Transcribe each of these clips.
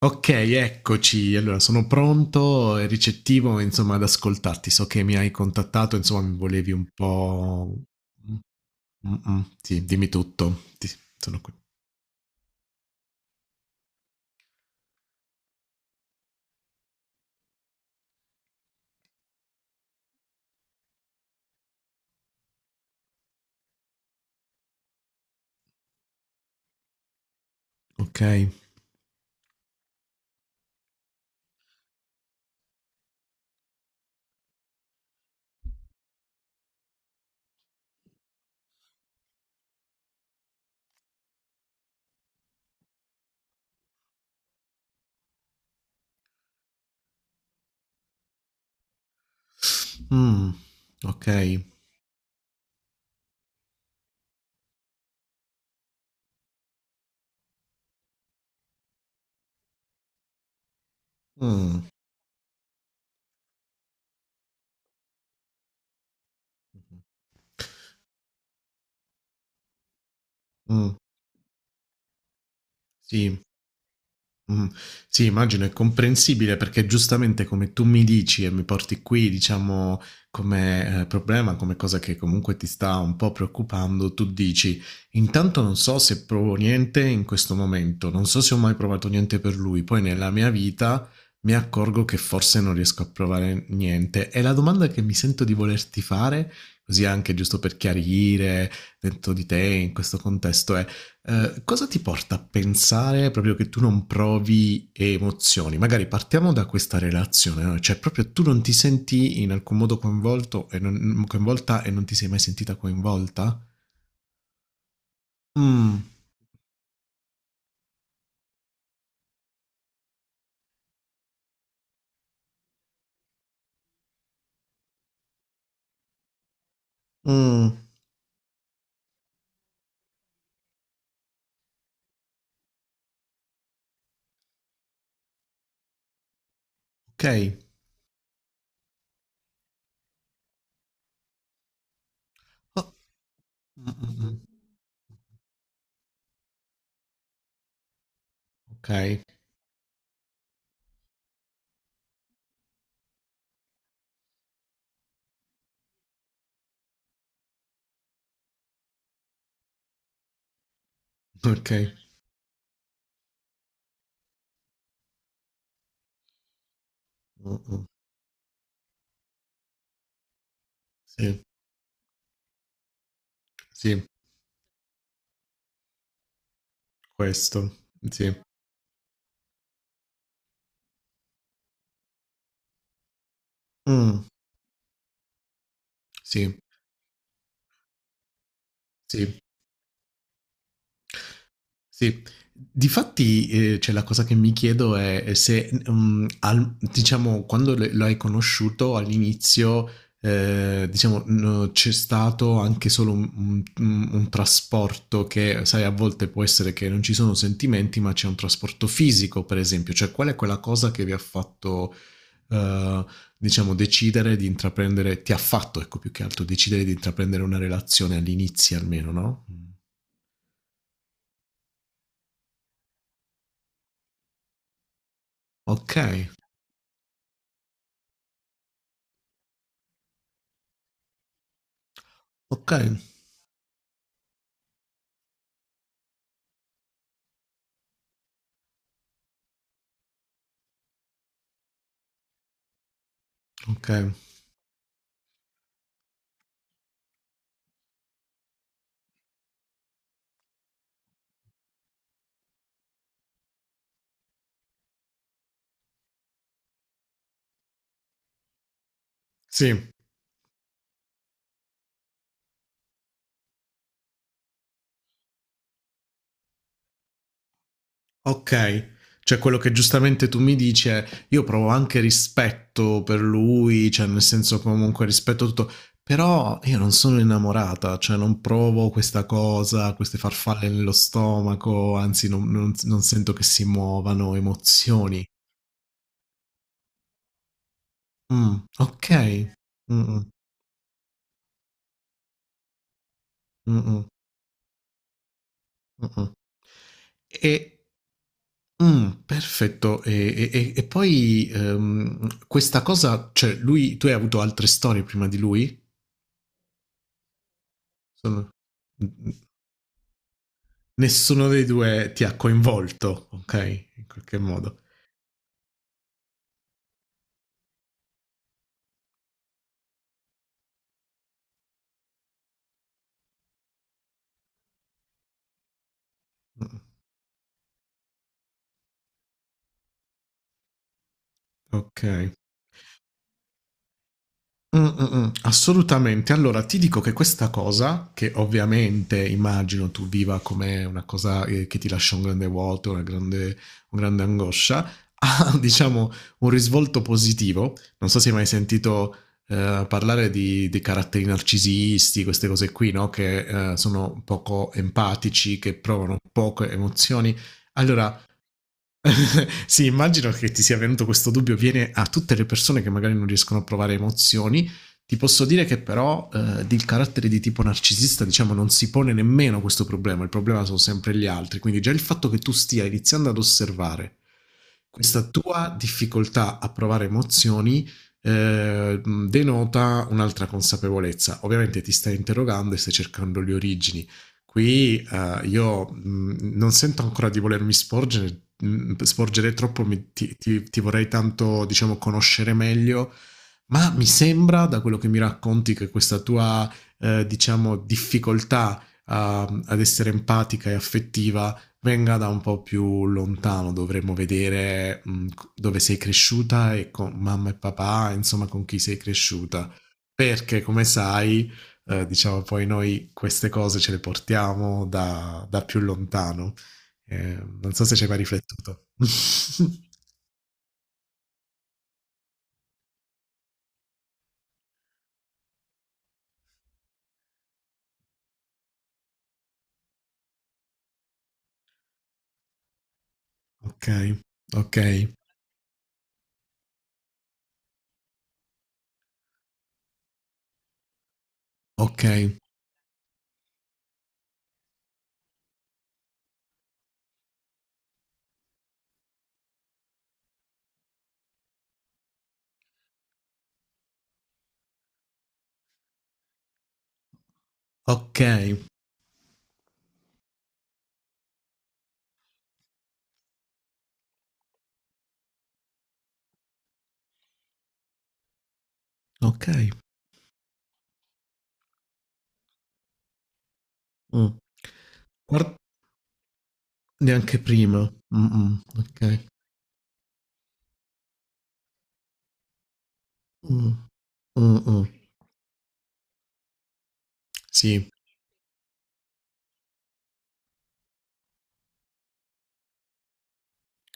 Ok, eccoci. Allora, sono pronto e ricettivo, insomma, ad ascoltarti. So che mi hai contattato, insomma, mi volevi un po'. Mm, mm, mm. Sì, dimmi tutto. Sono qui. Ok. Mm, ok. Mm, mm, sì. Mh. Sì, immagino è comprensibile perché giustamente come tu mi dici e mi porti qui, diciamo, come, problema, come cosa che comunque ti sta un po' preoccupando, tu dici: "Intanto non so se provo niente in questo momento, non so se ho mai provato niente per lui, poi nella mia vita mi accorgo che forse non riesco a provare niente". E la domanda che mi sento di volerti fare, così anche giusto per chiarire dentro di te in questo contesto è: cosa ti porta a pensare proprio che tu non provi emozioni? Magari partiamo da questa relazione, no? Cioè proprio tu non ti senti in alcun modo coinvolto e non, mm, coinvolta e non ti sei mai sentita coinvolta? Mm, mm, ok. Oh, mm, mm, mm. Ok, ok. Mm, mm. Sì, sì, questo, sì. Mm, sì, sì. Sì, difatti, cioè la cosa che mi chiedo è se, al diciamo quando l lo hai conosciuto all'inizio, diciamo, n c'è stato anche solo un trasporto che, sai, a volte può essere che non ci sono sentimenti, ma c'è un trasporto fisico, per esempio. Cioè, qual è quella cosa che vi ha fatto, ehm, diciamo decidere di intraprendere ti ha fatto, ecco, più che altro decidere di intraprendere una relazione all'inizio almeno, no. Okay, okay. Ok, sì, ok. Cioè quello che giustamente tu mi dici è io provo anche rispetto per lui, cioè nel senso comunque rispetto tutto, però io non sono innamorata, cioè non provo questa cosa, queste farfalle nello stomaco, anzi non sento che si muovano emozioni. Mm, ok. Mm, mm, mm, mm, mm, mm. E Perfetto. E poi, questa cosa cioè lui tu hai avuto altre storie prima di lui? Sono mh, mh, nessuno dei due ti ha coinvolto, okay, in qualche modo. Mh-mh, okay. Assolutamente. Allora ti dico che questa cosa, che ovviamente immagino tu viva come una cosa, che ti lascia un grande vuoto, una grande un grande angoscia, ha diciamo un risvolto positivo. Non so se hai mai sentito, parlare di dei caratteri narcisisti, queste cose qui, no, che, sono poco empatici, che provano poche emozioni. Allora sì, immagino che ti sia venuto questo dubbio, viene a tutte le persone che magari non riescono a provare emozioni. Ti posso dire che però il carattere di tipo narcisista, diciamo, non si pone nemmeno questo problema, il problema sono sempre gli altri, quindi già il fatto che tu stia iniziando ad osservare questa tua difficoltà a provare emozioni eh, denota un'altra consapevolezza. Ovviamente ti stai interrogando e stai cercando le origini. Qui io non sento ancora di volermi sporgere troppo, ti vorrei tanto, diciamo, conoscere meglio, ma mi sembra, da quello che mi racconti, che questa tua, diciamo, difficoltà ad essere empatica e affettiva venga da un po' più lontano, dovremmo vedere, dove sei cresciuta e con mamma e papà, insomma, con chi sei cresciuta. Perché, come sai, diciamo poi noi queste cose ce le portiamo da più lontano. Eh, Non so se ci hai mai riflettuto. Ok, ok, ok, ok, ok. Mm. Guarda, neanche prima. Mm-mm, ok. Mm. Mm-mm. Sì,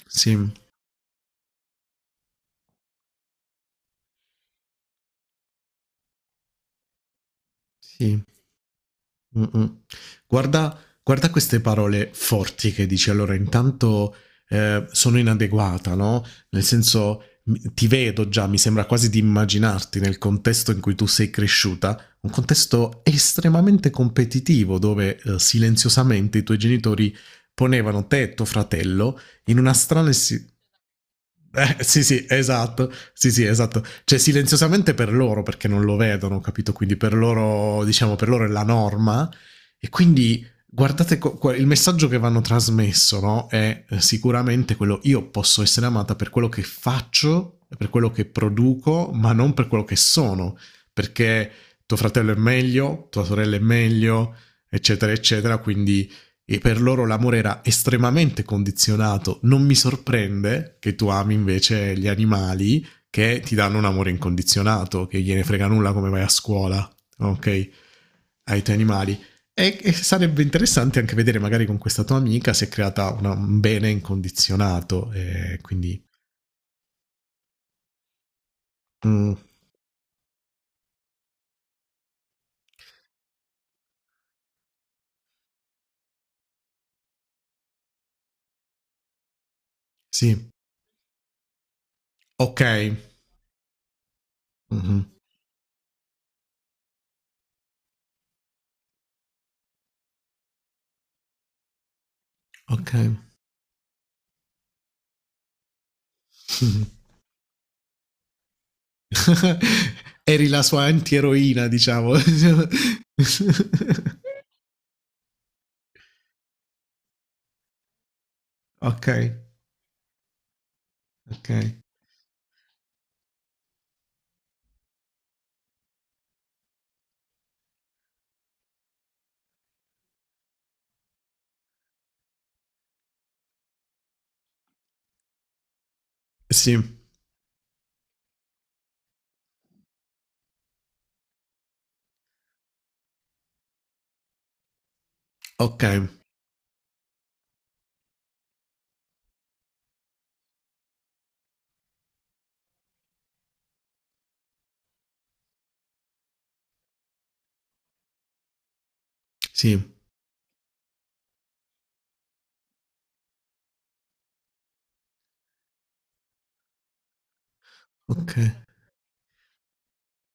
sì, sì. Mh-mh. Guarda guarda queste parole forti che dici. Allora intanto, sono inadeguata, no, nel senso, mi ti vedo già, mi sembra quasi di immaginarti nel contesto in cui tu sei cresciuta, un contesto estremamente competitivo dove, silenziosamente i tuoi genitori ponevano te e tuo fratello in una strana sì, sì, esatto. Sì, sì, esatto. Cioè, silenziosamente per loro, perché non lo vedono, capito? Quindi per loro, diciamo, per loro è la norma. E quindi guardate il messaggio che vanno trasmesso, no? È sicuramente quello, io posso essere amata per quello che faccio, per quello che produco, ma non per quello che sono, perché tuo fratello è meglio, tua sorella è meglio, eccetera, eccetera, quindi e per loro l'amore era estremamente condizionato, non mi sorprende che tu ami invece gli animali che ti danno un amore incondizionato, che gliene frega nulla come vai a scuola, ok? Ai tuoi animali. E sarebbe interessante anche vedere magari con questa tua amica si è creata una, un bene incondizionato, quindi. Mm, sì, ok. Mhm. Ok. Mhm. Eri la sua antieroina, diciamo. Ok, ok. Sì, ok, sì, ok.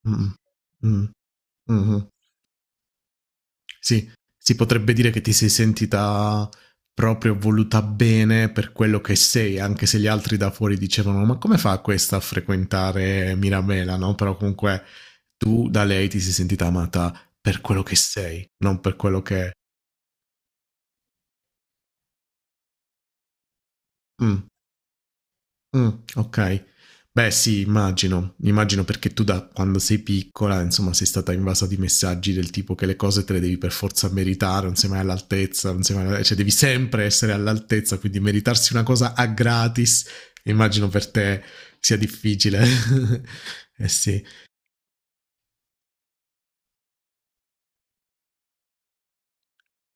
Mm, mm, mhm. Sì, si potrebbe dire che ti sei sentita proprio voluta bene per quello che sei, anche se gli altri da fuori dicevano ma come fa questa a frequentare Mirabella, no? Però comunque tu da lei ti sei sentita amata per quello che sei, non per quello che. Mm, mh, okay. Beh sì, immagino. Immagino perché tu da quando sei piccola, insomma, sei stata invasa di messaggi del tipo che le cose te le devi per forza meritare, non sei mai all'altezza, non sei mai cioè devi sempre essere all'altezza, quindi meritarsi una cosa a gratis, immagino per te sia difficile. Eh sì.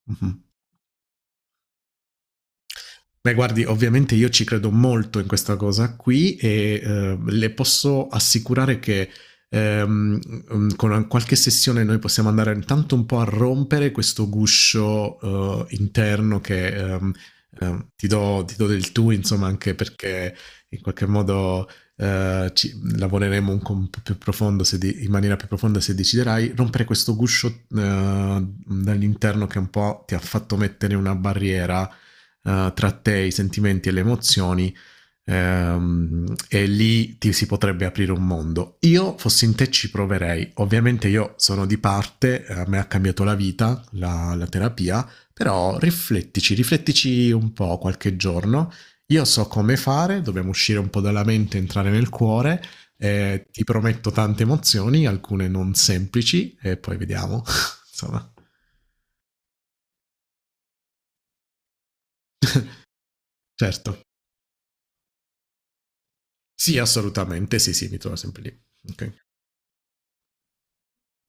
Mh-mh. Beh, guardi, ovviamente io ci credo molto in questa cosa qui e le posso assicurare che ehm, con qualche sessione noi possiamo andare intanto un po' a rompere questo guscio interno che ti do del tu, insomma, anche perché in qualche modo lavoreremo un po' più profondo, se in maniera più profonda se deciderai, rompere questo guscio dall'interno che un po' ti ha fatto mettere una barriera tra te, i sentimenti e le emozioni, e lì ti si potrebbe aprire un mondo. Io fossi in te ci proverei, ovviamente io sono di parte, a me ha cambiato la vita, la terapia, però riflettici, riflettici un po' qualche giorno. Io so come fare, dobbiamo uscire un po' dalla mente, entrare nel cuore. Ti prometto tante emozioni, alcune non semplici, e poi vediamo. Insomma, certo. Sì, assolutamente, sì, sì, mi trovo sempre lì. Ok.